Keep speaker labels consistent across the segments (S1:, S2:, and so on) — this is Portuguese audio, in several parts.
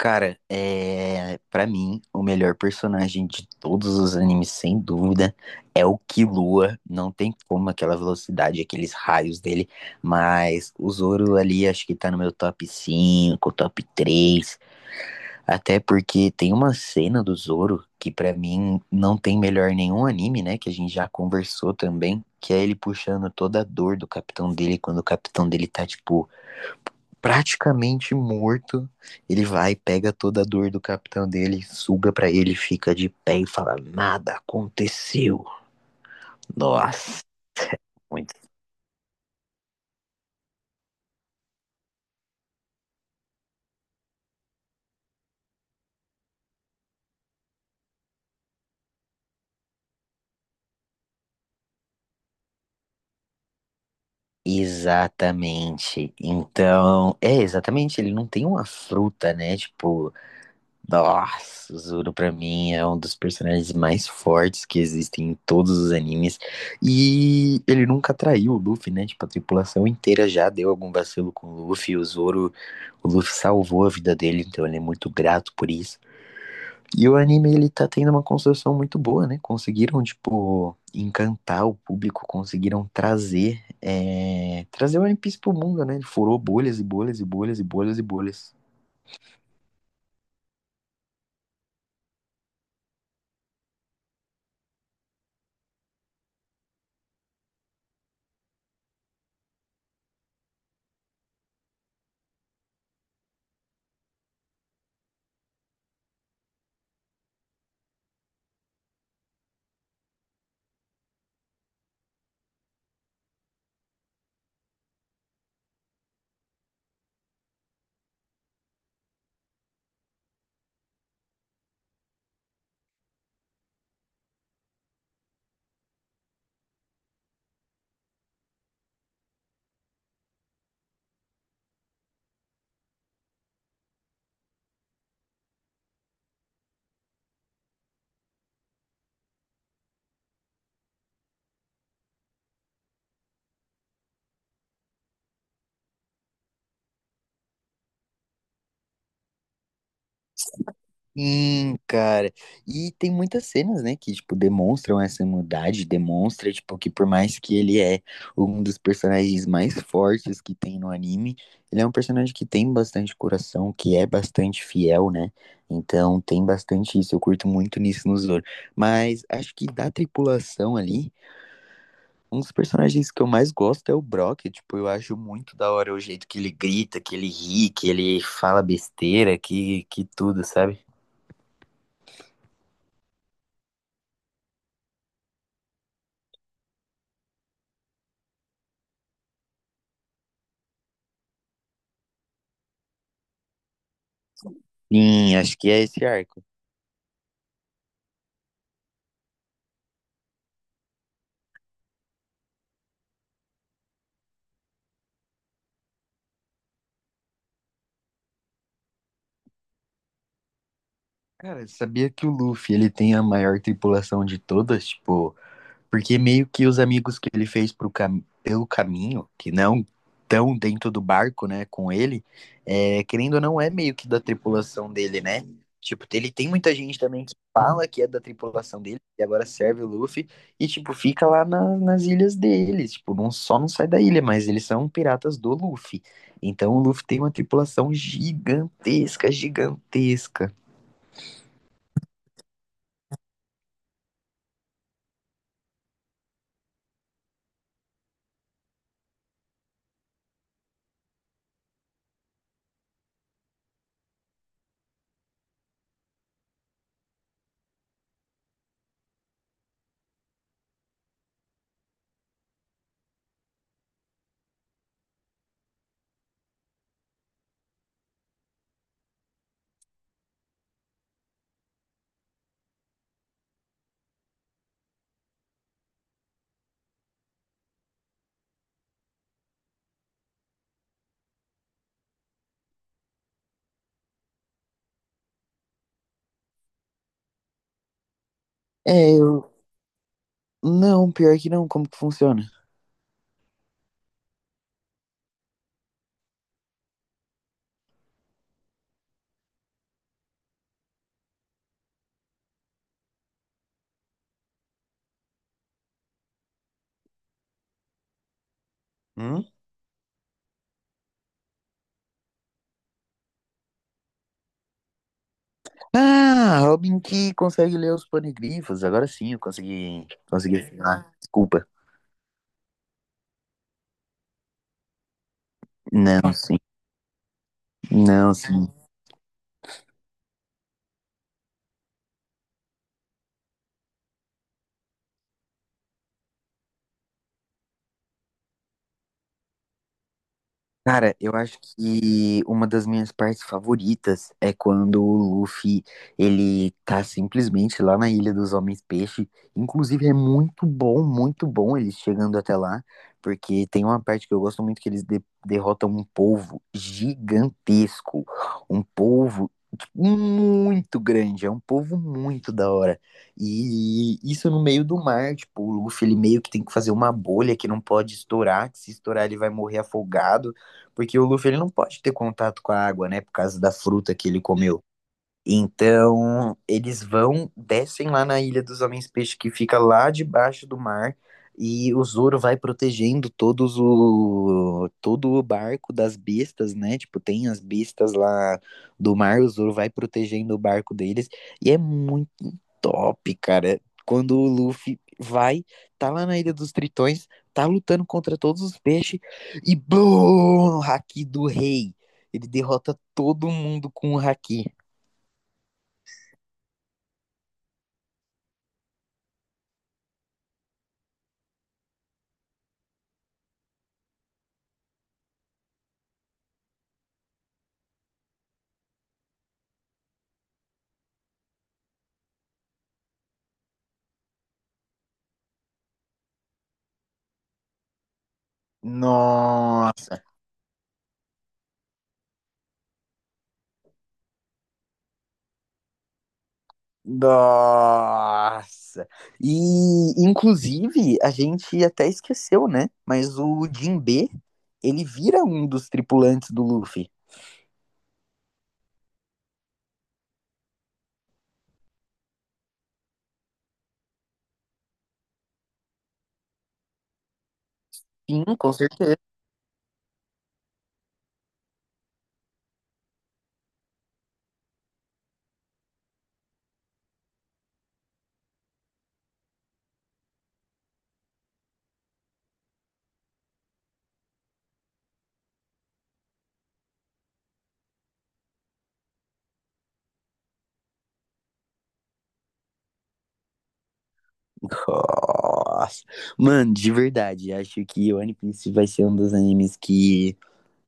S1: Cara, para mim, o melhor personagem de todos os animes, sem dúvida, é o Killua. Não tem como aquela velocidade, aqueles raios dele, mas o Zoro ali acho que tá no meu top 5, top 3, até porque tem uma cena do Zoro que pra mim não tem melhor nenhum anime, né, que a gente já conversou também, que é ele puxando toda a dor do capitão dele quando o capitão dele tá tipo praticamente morto, ele vai, pega toda a dor do capitão dele, suga pra ele, fica de pé e fala: Nada aconteceu. Nossa. Muito. Exatamente. Então, exatamente, ele não tem uma fruta, né? Tipo, nossa, o Zoro pra mim é um dos personagens mais fortes que existem em todos os animes. E ele nunca traiu o Luffy, né? Tipo, a tripulação inteira já deu algum vacilo com o Luffy. O Zoro, o Luffy salvou a vida dele, então ele é muito grato por isso. E o anime, ele tá tendo uma construção muito boa, né? Conseguiram, tipo, encantar o público, conseguiram trazer o One Piece pro mundo, né? Ele furou bolhas e bolhas e bolhas e bolhas e bolhas. Sim, cara. E tem muitas cenas, né, que, tipo, demonstram essa maldade, demonstra, tipo, que por mais que ele é um dos personagens mais fortes que tem no anime, ele é um personagem que tem bastante coração, que é bastante fiel, né? Então tem bastante isso, eu curto muito nisso no Zoro. Mas acho que da tripulação ali, um dos personagens que eu mais gosto é o Brock, tipo, eu acho muito da hora o jeito que ele grita, que ele ri, que ele fala besteira, que tudo, sabe? Sim, acho que é esse arco. Cara, sabia que o Luffy, ele tem a maior tripulação de todas? Tipo, porque meio que os amigos que ele fez pro cam... pelo caminho, que não estão dentro do barco, né, com ele, querendo ou não, é meio que da tripulação dele, né? Tipo, ele tem muita gente também que fala que é da tripulação dele, e agora serve o Luffy, e, tipo, fica lá nas ilhas deles. Tipo, não, só não sai da ilha, mas eles são piratas do Luffy. Então o Luffy tem uma tripulação gigantesca, gigantesca. É, eu. Não, pior que não, como que funciona? Hum? Ah, Robin que consegue ler os panegrifos. Agora sim, consegui. Ah, desculpa. Não, sim. Não, sim. Cara, eu acho que uma das minhas partes favoritas é quando o Luffy, ele tá simplesmente lá na Ilha dos Homens-Peixe. Inclusive é muito bom eles chegando até lá, porque tem uma parte que eu gosto muito que eles derrotam um polvo gigantesco, um polvo tipo, muito grande, é um polvo muito da hora. E isso no meio do mar, tipo, o Luffy ele meio que tem que fazer uma bolha que não pode estourar, que se estourar ele vai morrer afogado. Porque o Luffy ele não pode ter contato com a água, né? Por causa da fruta que ele comeu. Então, eles vão, descem lá na Ilha dos Homens Peixe, que fica lá debaixo do mar, e o Zoro vai protegendo todo o barco das bestas, né? Tipo, tem as bestas lá do mar, o Zoro vai protegendo o barco deles, e é muito top, cara. Quando o Luffy vai, tá lá na Ilha dos Tritões, tá lutando contra todos os peixes, e BOOM! Haki do Rei. Ele derrota todo mundo com o Haki. Nossa, nossa. E inclusive a gente até esqueceu, né? Mas o Jinbe, ele vira um dos tripulantes do Luffy. Sim, com certeza. Nossa. Mano, de verdade, acho que o One Piece vai ser um dos animes que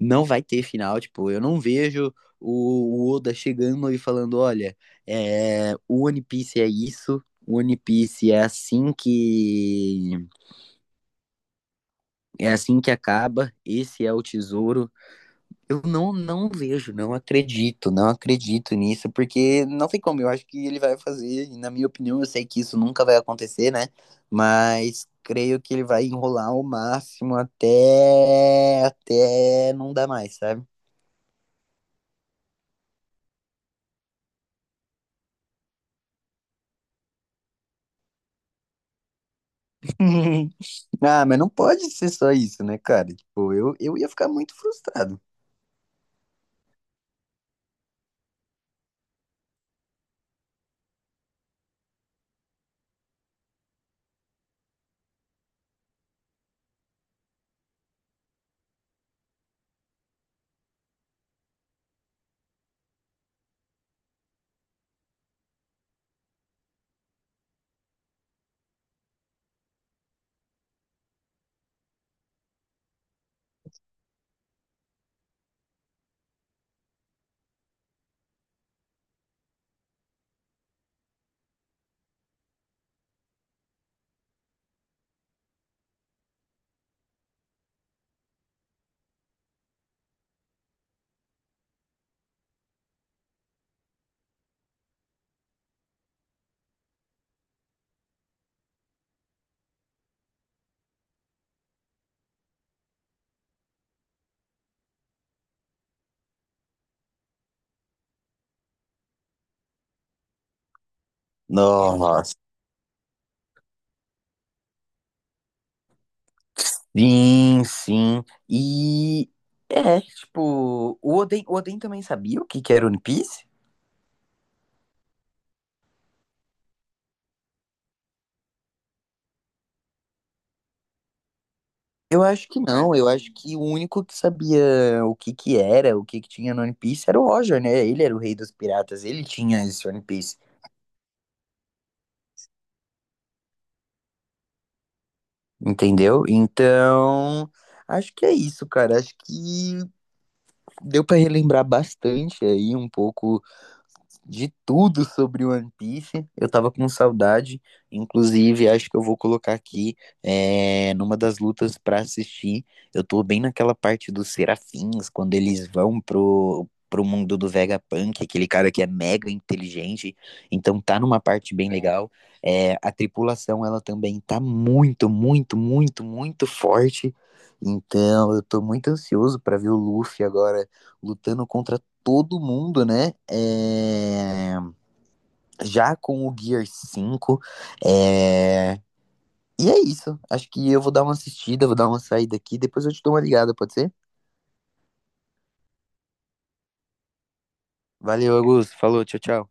S1: não vai ter final. Tipo, eu não vejo o Oda chegando e falando: olha, é, o One Piece é isso, o One Piece é assim que É assim que acaba, esse é o tesouro. Eu não, não vejo, não acredito nisso, porque não tem como, eu acho que ele vai fazer, e na minha opinião, eu sei que isso nunca vai acontecer, né? Mas creio que ele vai enrolar ao máximo até não dar mais, sabe? Ah, mas não pode ser só isso, né, cara? Tipo, eu ia ficar muito frustrado. Nossa. Sim, sim. E é, tipo, o Oden também sabia o que que era One Piece? Eu acho que não, eu acho que o único que sabia o que que era, o que que tinha no One Piece era o Roger, né? Ele era o rei dos piratas, ele tinha esse One Piece, entendeu? Então, acho que é isso, cara. Acho que deu pra relembrar bastante aí um pouco de tudo sobre One Piece. Eu tava com saudade. Inclusive, acho que eu vou colocar aqui é, numa das lutas pra assistir. Eu tô bem naquela parte dos serafins, quando eles vão pro mundo do Vegapunk, aquele cara que é mega inteligente. Então tá numa parte bem legal. É, a tripulação, ela também tá muito forte. Então, eu tô muito ansioso pra ver o Luffy agora lutando contra todo mundo, né? É, já com o Gear cinco É, e é isso. Acho que eu vou dar uma assistida, vou dar uma saída aqui. Depois eu te dou uma ligada, pode ser? Valeu, Augusto. Falou, tchau, tchau.